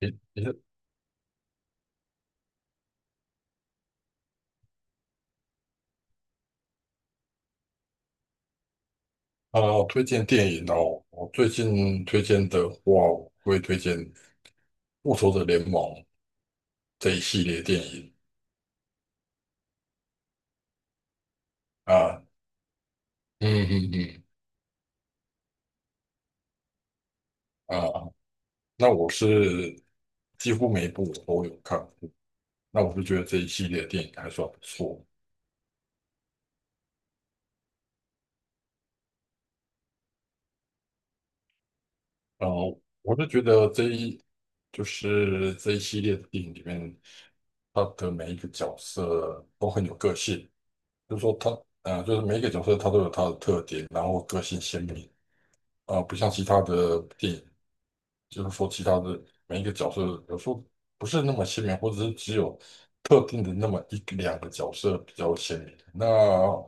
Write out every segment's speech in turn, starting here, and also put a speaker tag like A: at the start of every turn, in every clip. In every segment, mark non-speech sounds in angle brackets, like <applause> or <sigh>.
A: 你你啊，推荐电影哦。我最近推荐的话，我会推荐《复仇者联盟》这一系列电影啊。嗯嗯嗯。啊，那我是几乎每一部我都有看过，那我就觉得这一系列电影还算不错。然后我是觉得这一系列的电影里面，他的每一个角色都很有个性，就是说他啊，就是每一个角色他都有他的特点，然后个性鲜明。啊、不像其他的电影，就是说其他的每一个角色有时候不是那么鲜明，或者是只有特定的那么一两个角色比较鲜明。那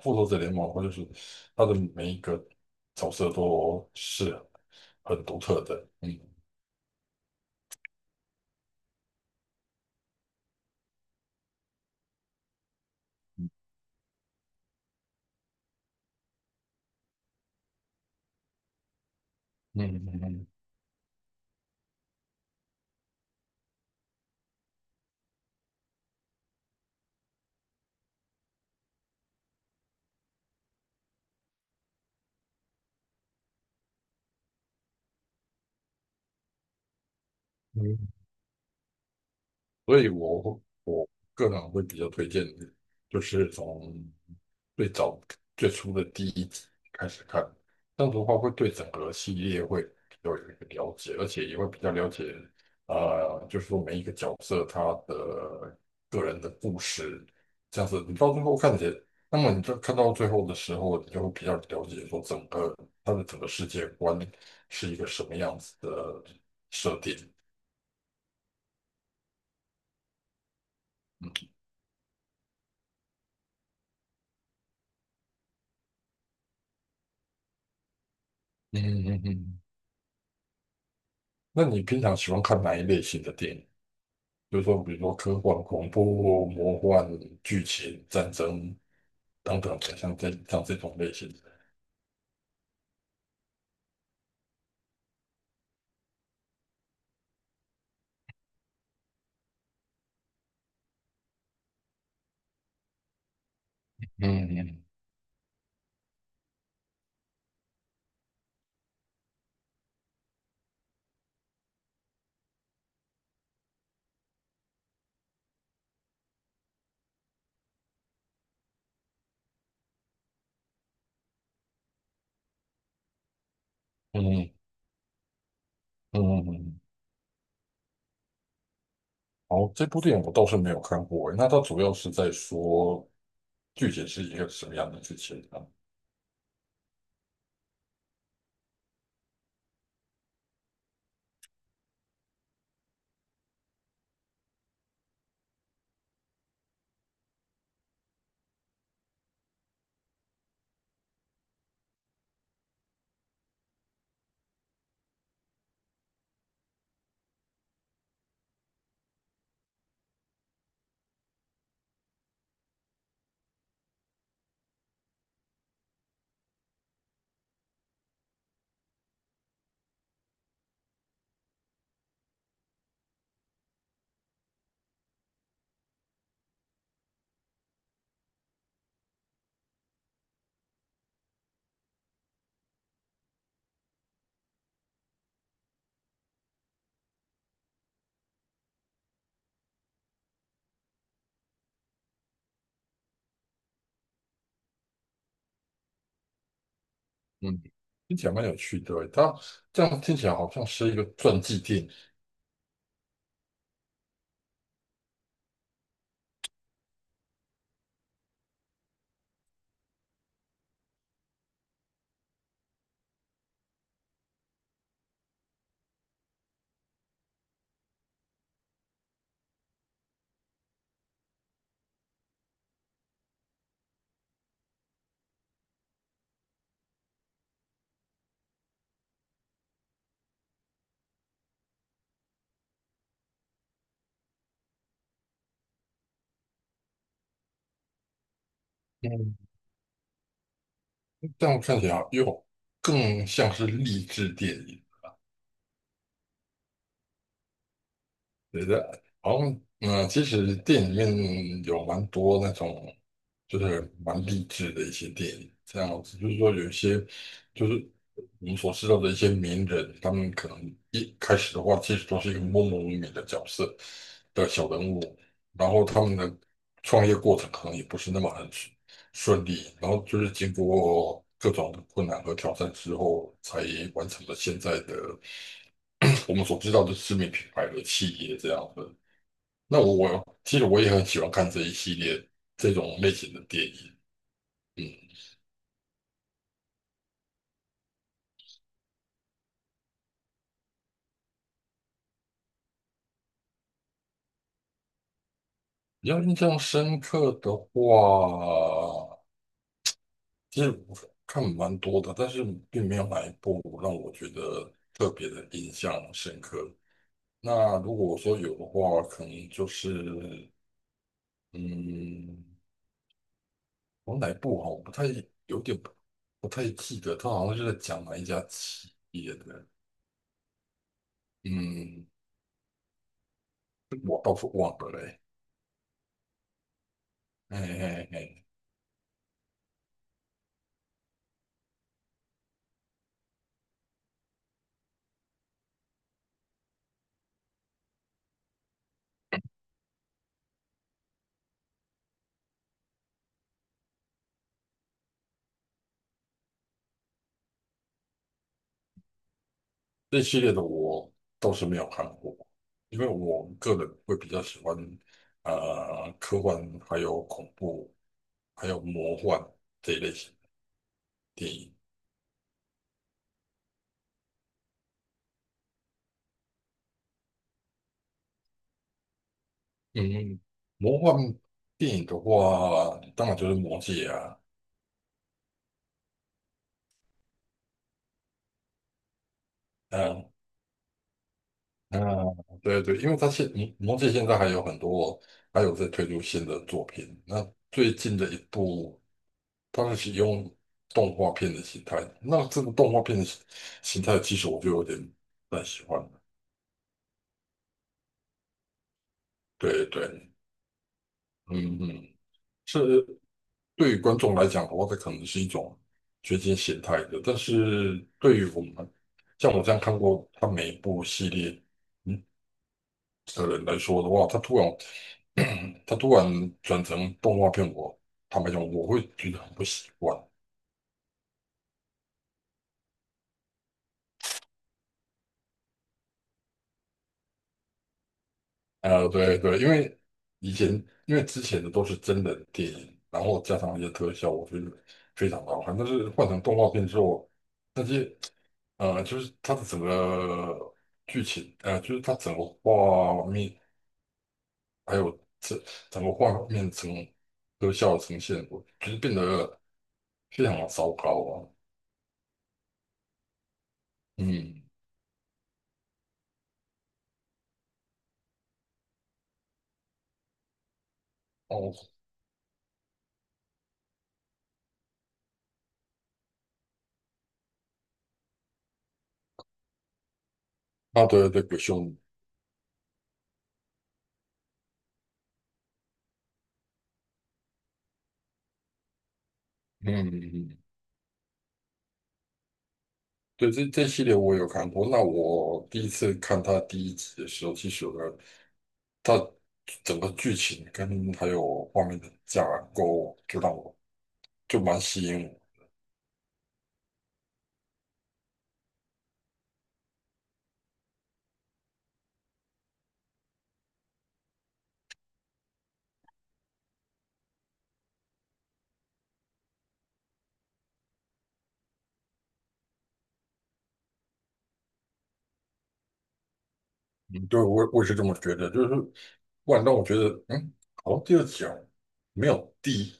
A: 《复仇者联盟》或者是它的每一个角色都是很独特的，嗯。嗯嗯嗯。嗯，所以我个人会比较推荐，就是从最早最初的第一集开始看，这样子的话会对整个系列会有一个了解，而且也会比较了解，就是说每一个角色他的个人的故事，这样子你到最后看起来，那么你就看到最后的时候，你就会比较了解说整个他的整个世界观是一个什么样子的设定。嗯嗯嗯。那你平常喜欢看哪一类型的电影？就是说，比如说科幻、恐怖、魔幻、剧情、战争等等，像这种类型的。嗯嗯嗯嗯嗯。哦，这部电影我倒是没有看过诶，那它主要是在说剧情是一个什么样的剧情啊？嗯，听起来蛮有趣的诶，它这样听起来好像是一个传记电影，嗯，这样看起来又更像是励志电影。觉得好像嗯，其实电影里面有蛮多那种就是蛮励志的一些电影，这样子就是说有一些就是我们所知道的一些名人，他们可能一开始的话其实都是一个默默无名的角色的小人物，然后他们的创业过程可能也不是那么很顺利，然后就是经过各种的困难和挑战之后，才完成了现在的 <clears throat> 我们所知道的知名品牌的企业这样子。那我其实我也很喜欢看这一系列这种类型的电影。嗯，比较印象深刻的话，其实我看蛮多的，但是并没有哪一部让我觉得特别的印象深刻。那如果说有的话，可能就是嗯，我哪一部哈，我不太有点不不太记得，他好像是在讲哪一家企业的，嗯，我倒是忘了嘞。哎哎哎。这系列的我倒是没有看过，因为我个人会比较喜欢科幻，还有恐怖，还有魔幻这一类型的电影。嗯，魔幻电影的话，当然就是《魔戒》啊。呃嗯，对对，因为他现你忘记现在还有很多，还有在推出新的作品。那最近的一部，它是使用动画片的形态。那这个动画片的形态，其实我就有点不太喜欢了。对对，嗯嗯，是对于观众来讲的话，这可能是一种掘金形态的。但是对于我们，像我这样看过他每一部系列，嗯。的人来说的话，他突然 <clears throat> 他突然转成动画片，我坦白讲，我会觉得很不习惯。对对，因为以前之前的都是真人电影，然后加上一些特效，我觉得非常好看。但是换成动画片之后，那些就是它的整个剧情，就是它整个画面，还有这整个画面特效呈现，我觉得变得非常的糟糕啊。嗯，哦。啊，对对，鬼兄，嗯，嗯嗯，对，这这系列我有看过。那我第一次看他第一集的时候，其实有个他整个剧情跟还有画面的架构，就让我就蛮吸引我。嗯，对，我也是这么觉得，就是不万让我觉得，嗯，好像第二集啊，没有第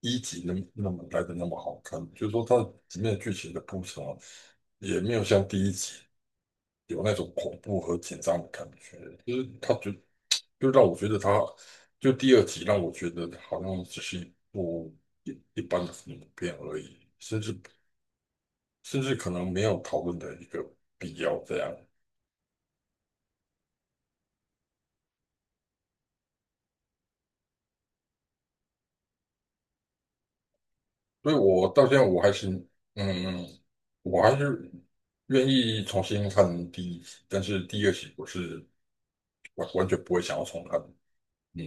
A: 一集那么好看。就是说，它里面的剧情的铺陈啊，也没有像第一集有那种恐怖和紧张的感觉，就是他觉得，就让我觉得他，就第二集让我觉得好像只是一部一般的恐怖片而已，甚至可能没有讨论的一个必要这样，所以我到现在我还是，嗯，我还是愿意重新看第一集，但是第二集我是完完全不会想要重看，嗯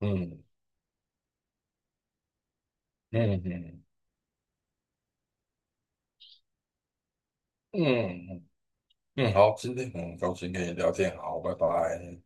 A: 嗯嗯嗯嗯嗯，好，今天很高兴跟你聊天，好，拜拜。